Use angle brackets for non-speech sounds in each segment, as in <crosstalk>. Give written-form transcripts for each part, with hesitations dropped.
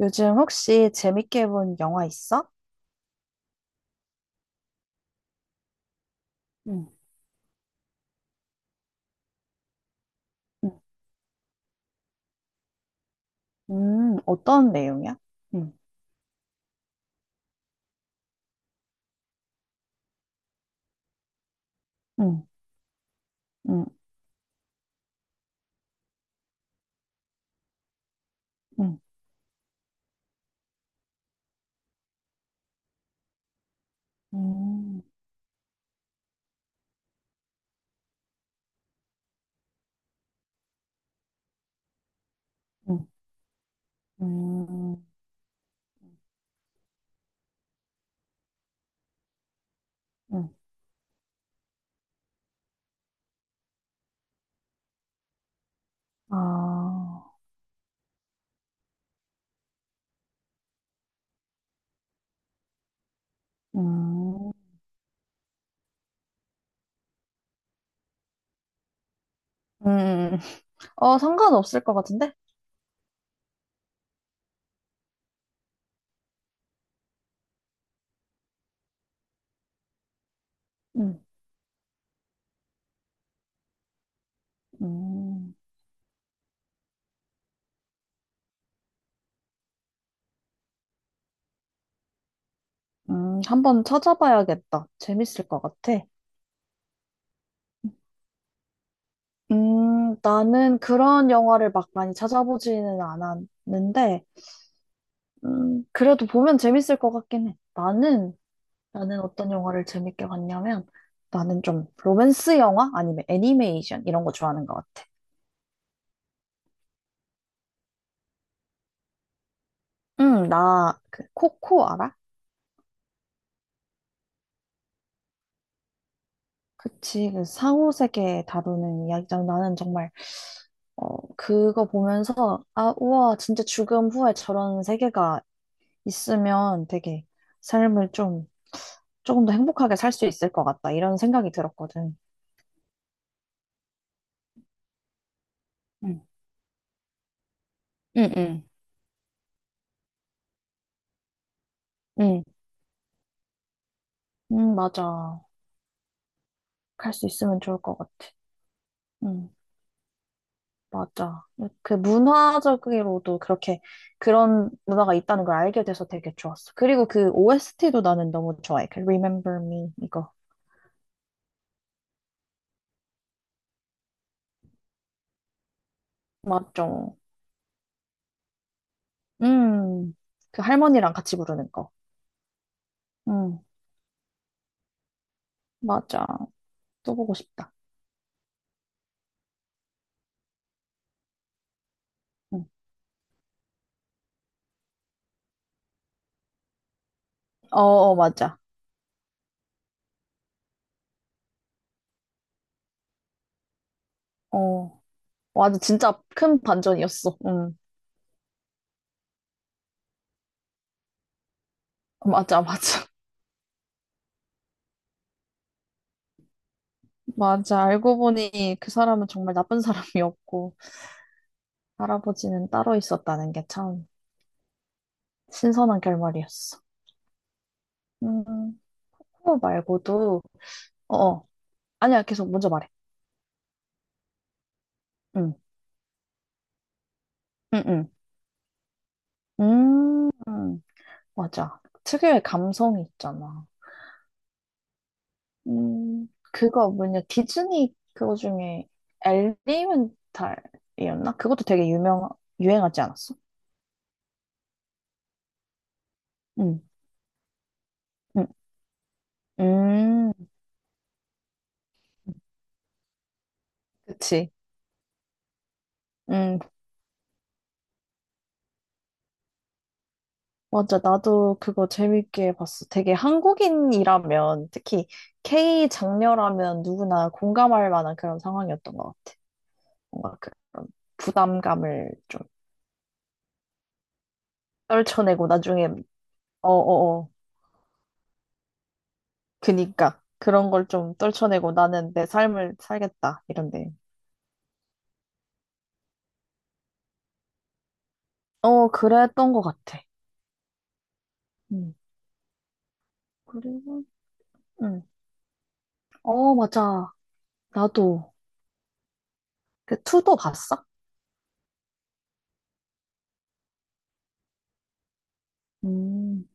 요즘 혹시 재밌게 본 영화 있어? 응. 응. 어떤 내용이야? 응. 응. 응. 응. 음. 응. 음. 응. 아. 응. 음. 음. 음, 어, 상관없을 것 같은데? 응. 음. 음. 한번 찾아봐야겠다. 재밌을 것 같아. 나는 그런 영화를 막 많이 찾아보지는 않았는데, 그래도 보면 재밌을 것 같긴 해. 나는 어떤 영화를 재밌게 봤냐면 나는 좀 로맨스 영화 아니면 애니메이션 이런 거 좋아하는 것 같아. 응, 나 그 코코 알아? 그치, 그 상호세계 다루는 이야기잖아. 나는 정말 어 그거 보면서 아 우와 진짜 죽음 후에 저런 세계가 있으면 되게 삶을 좀 조금 더 행복하게 살 수 있을 것 같다 이런 생각이 들었거든. 응, 응, 응. 응, 응 맞아. 갈 수 있으면 좋을 것 같아. 응. 맞아. 그 문화적으로도 그렇게 그런 문화가 있다는 걸 알게 돼서 되게 좋았어. 그리고 그 OST도 나는 너무 좋아해. 그 Remember Me 이거. 맞죠. 음. 그 할머니랑 같이 부르는 거. 음. 맞아. 또 보고 싶다. 음. 어, 어, 맞아. 어. 맞아. 진짜 큰 반전이었어. 음. 맞아, 맞아. <laughs> 맞아. 알고 보니 그 사람은 정말 나쁜 사람이었고, 할아버지는 따로 있었다는 게 참 신선한 결말이었어. 음. 그거 말고도, 어, 어. 아니야, 계속 먼저 말해. 응, 응, 응. 음, 음, 맞아. 특유의 감성이 있잖아. 그거 뭐냐, 디즈니 그거 중에 엘리멘탈이었나? 그것도 되게 유명, 유행하지 않았어? 응, 응, 음, 그치. 음, 맞아. 나도 그거 재밌게 봤어. 되게 한국인이라면, 특히 K 장녀라면 누구나 공감할 만한 그런 상황이었던 것 같아. 뭔가 그런 부담감을 좀 떨쳐내고 나중에 어어어 그니까 그런 걸 좀 떨쳐내고 나는 내 삶을 살겠다 이런데 어 그랬던 것 같아. 음 그리고 음어 맞아 나도 그 투도 봤어? 음,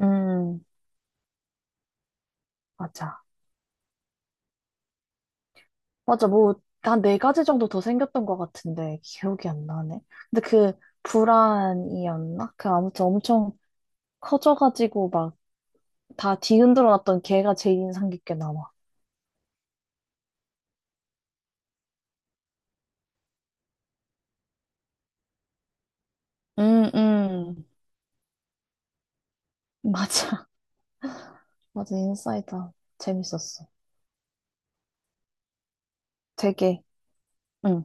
음 맞아 맞아 뭐 한 네 가지 정도 더 생겼던 것 같은데 기억이 안 나네. 근데 그 불안이었나? 그 아무튼 엄청 커져가지고 막 다 뒤흔들어 놨던 걔가 제일 인상 깊게 남아. 음, 음. 맞아. <laughs> 맞아, 인사이다. 재밌었어. 되게, 응.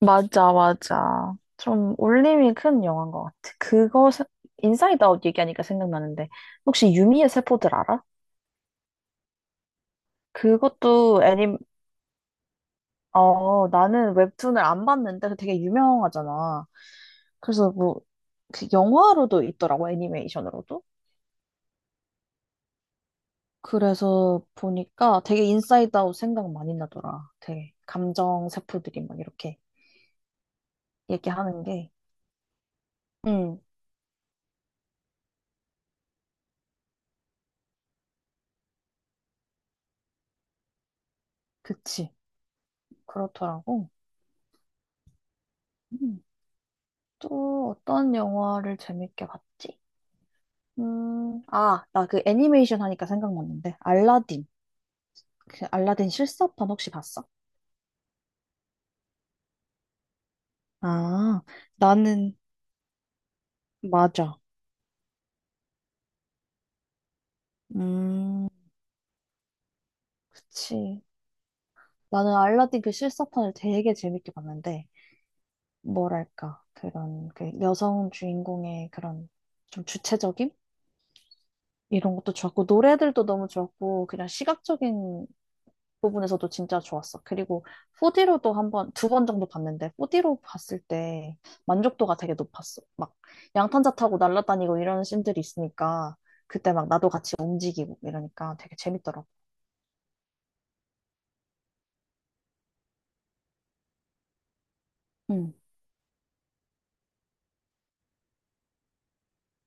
맞아, 맞아. 좀 울림이 큰 영화인 것 같아. 인사이드 아웃 얘기하니까 생각나는데, 혹시 유미의 세포들 알아? 그것도 애니, 어, 나는 웹툰을 안 봤는데 되게 유명하잖아. 그래서 뭐, 그 영화로도 있더라고, 애니메이션으로도. 그래서 보니까 되게 인사이드 아웃 생각 많이 나더라. 되게 감정 세포들이 막 이렇게. 얘기하는 게, 음, 그치. 그렇더라고. 음, 또 어떤 영화를 재밌게 봤지? 아, 나 그 애니메이션 하니까 생각났는데, 알라딘. 그 알라딘 실사판 혹시 봤어? 아, 나는, 맞아. 음, 그치. 나는 알라딘 그 실사판을 되게 재밌게 봤는데, 뭐랄까, 그런 그 여성 주인공의 그런 좀 주체적인? 이런 것도 좋았고, 노래들도 너무 좋았고, 그냥 시각적인 부분에서도 진짜 좋았어. 그리고 4D로도 한 번, 두 번 정도 봤는데 4D로 봤을 때 만족도가 되게 높았어. 막 양탄자 타고 날아다니고 이런 씬들이 있으니까 그때 막 나도 같이 움직이고 이러니까 되게 재밌더라고. 응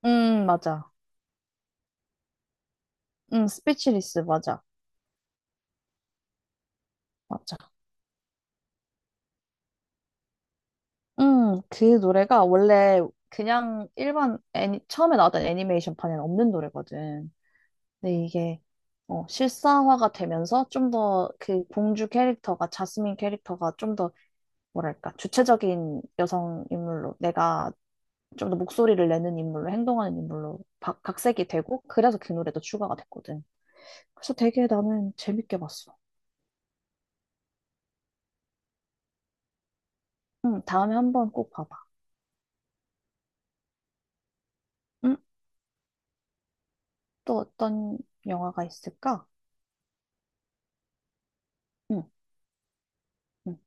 맞아. 스피치리스 맞아. 맞아. 그 노래가 원래 그냥 일반 애니, 처음에 나왔던 애니메이션판에는 없는 노래거든. 근데 이게 어, 실사화가 되면서 좀 더 그 공주 캐릭터가, 자스민 캐릭터가 좀더 뭐랄까, 주체적인 여성 인물로, 내가 좀 더 목소리를 내는 인물로, 행동하는 인물로 각색이 되고, 그래서 그 노래도 추가가 됐거든. 그래서 되게 나는 재밌게 봤어. 응, 다음에 한번 꼭 봐봐. 응? 또 어떤 영화가 있을까? 응, 응.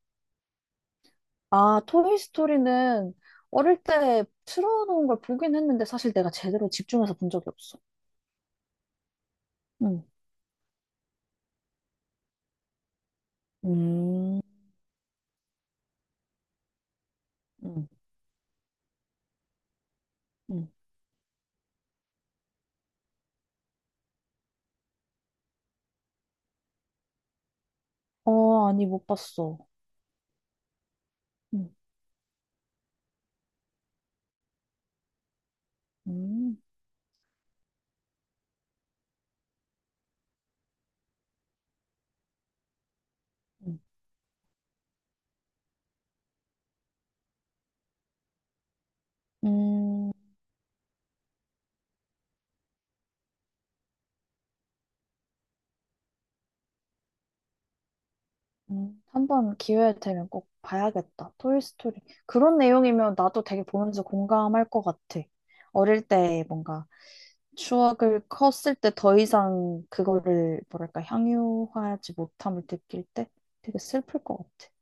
아, 토이 스토리는 어릴 때 틀어놓은 걸 보긴 했는데, 사실 내가 제대로 집중해서 본 적이 없어. 응, 음, 응, 응. 어, 아니, 못 봤어. 응, 음. 응. 음. 한번 기회 되면 꼭 봐야겠다. 토이스토리. 그런 내용이면 나도 되게 보면서 공감할 것 같아. 어릴 때 뭔가 추억을 컸을 때 더 이상 그거를 뭐랄까 향유하지 못함을 느낄 때 되게 슬플 것 같아.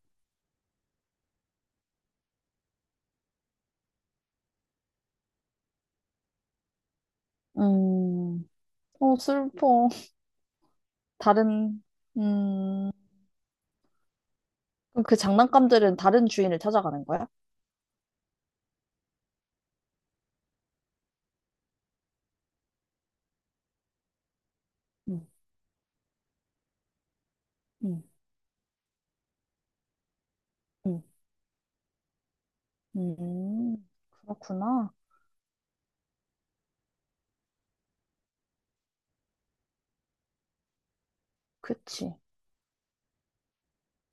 음, 어, 슬퍼. 다른, 음, 그럼 그 장난감들은 다른 주인을 찾아가는 거야? 응, 응, 응, 음, 그렇구나. 그치.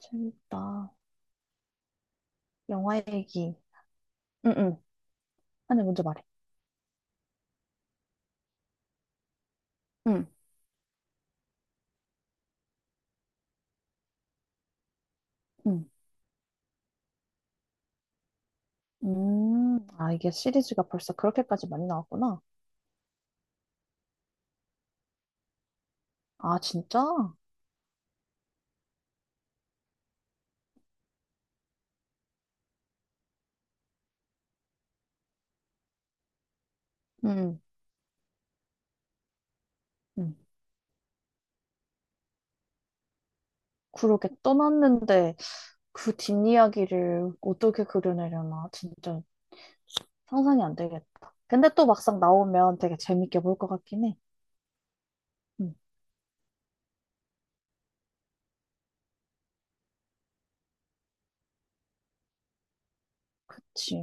재밌다. 영화 얘기. 응응. 아니, 먼저 말해. 응, 응. 아, 이게 시리즈가 벌써 그렇게까지 많이 나왔구나. 아, 진짜? 응. 응. 그렇게 떠났는데 그 뒷이야기를 어떻게 그려내려나 진짜 상상이 안 되겠다. 근데 또 막상 나오면 되게 재밌게 볼 것 같긴 해. 응, 그치.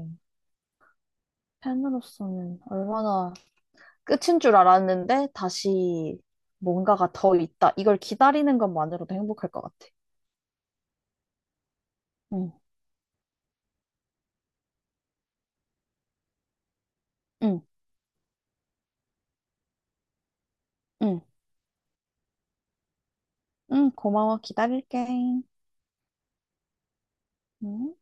팬으로서는 얼마나 끝인 줄 알았는데 다시 뭔가가 더 있다. 이걸 기다리는 것만으로도 행복할 것 같아. 응, 응, 응. 응, 고마워. 기다릴게. 응?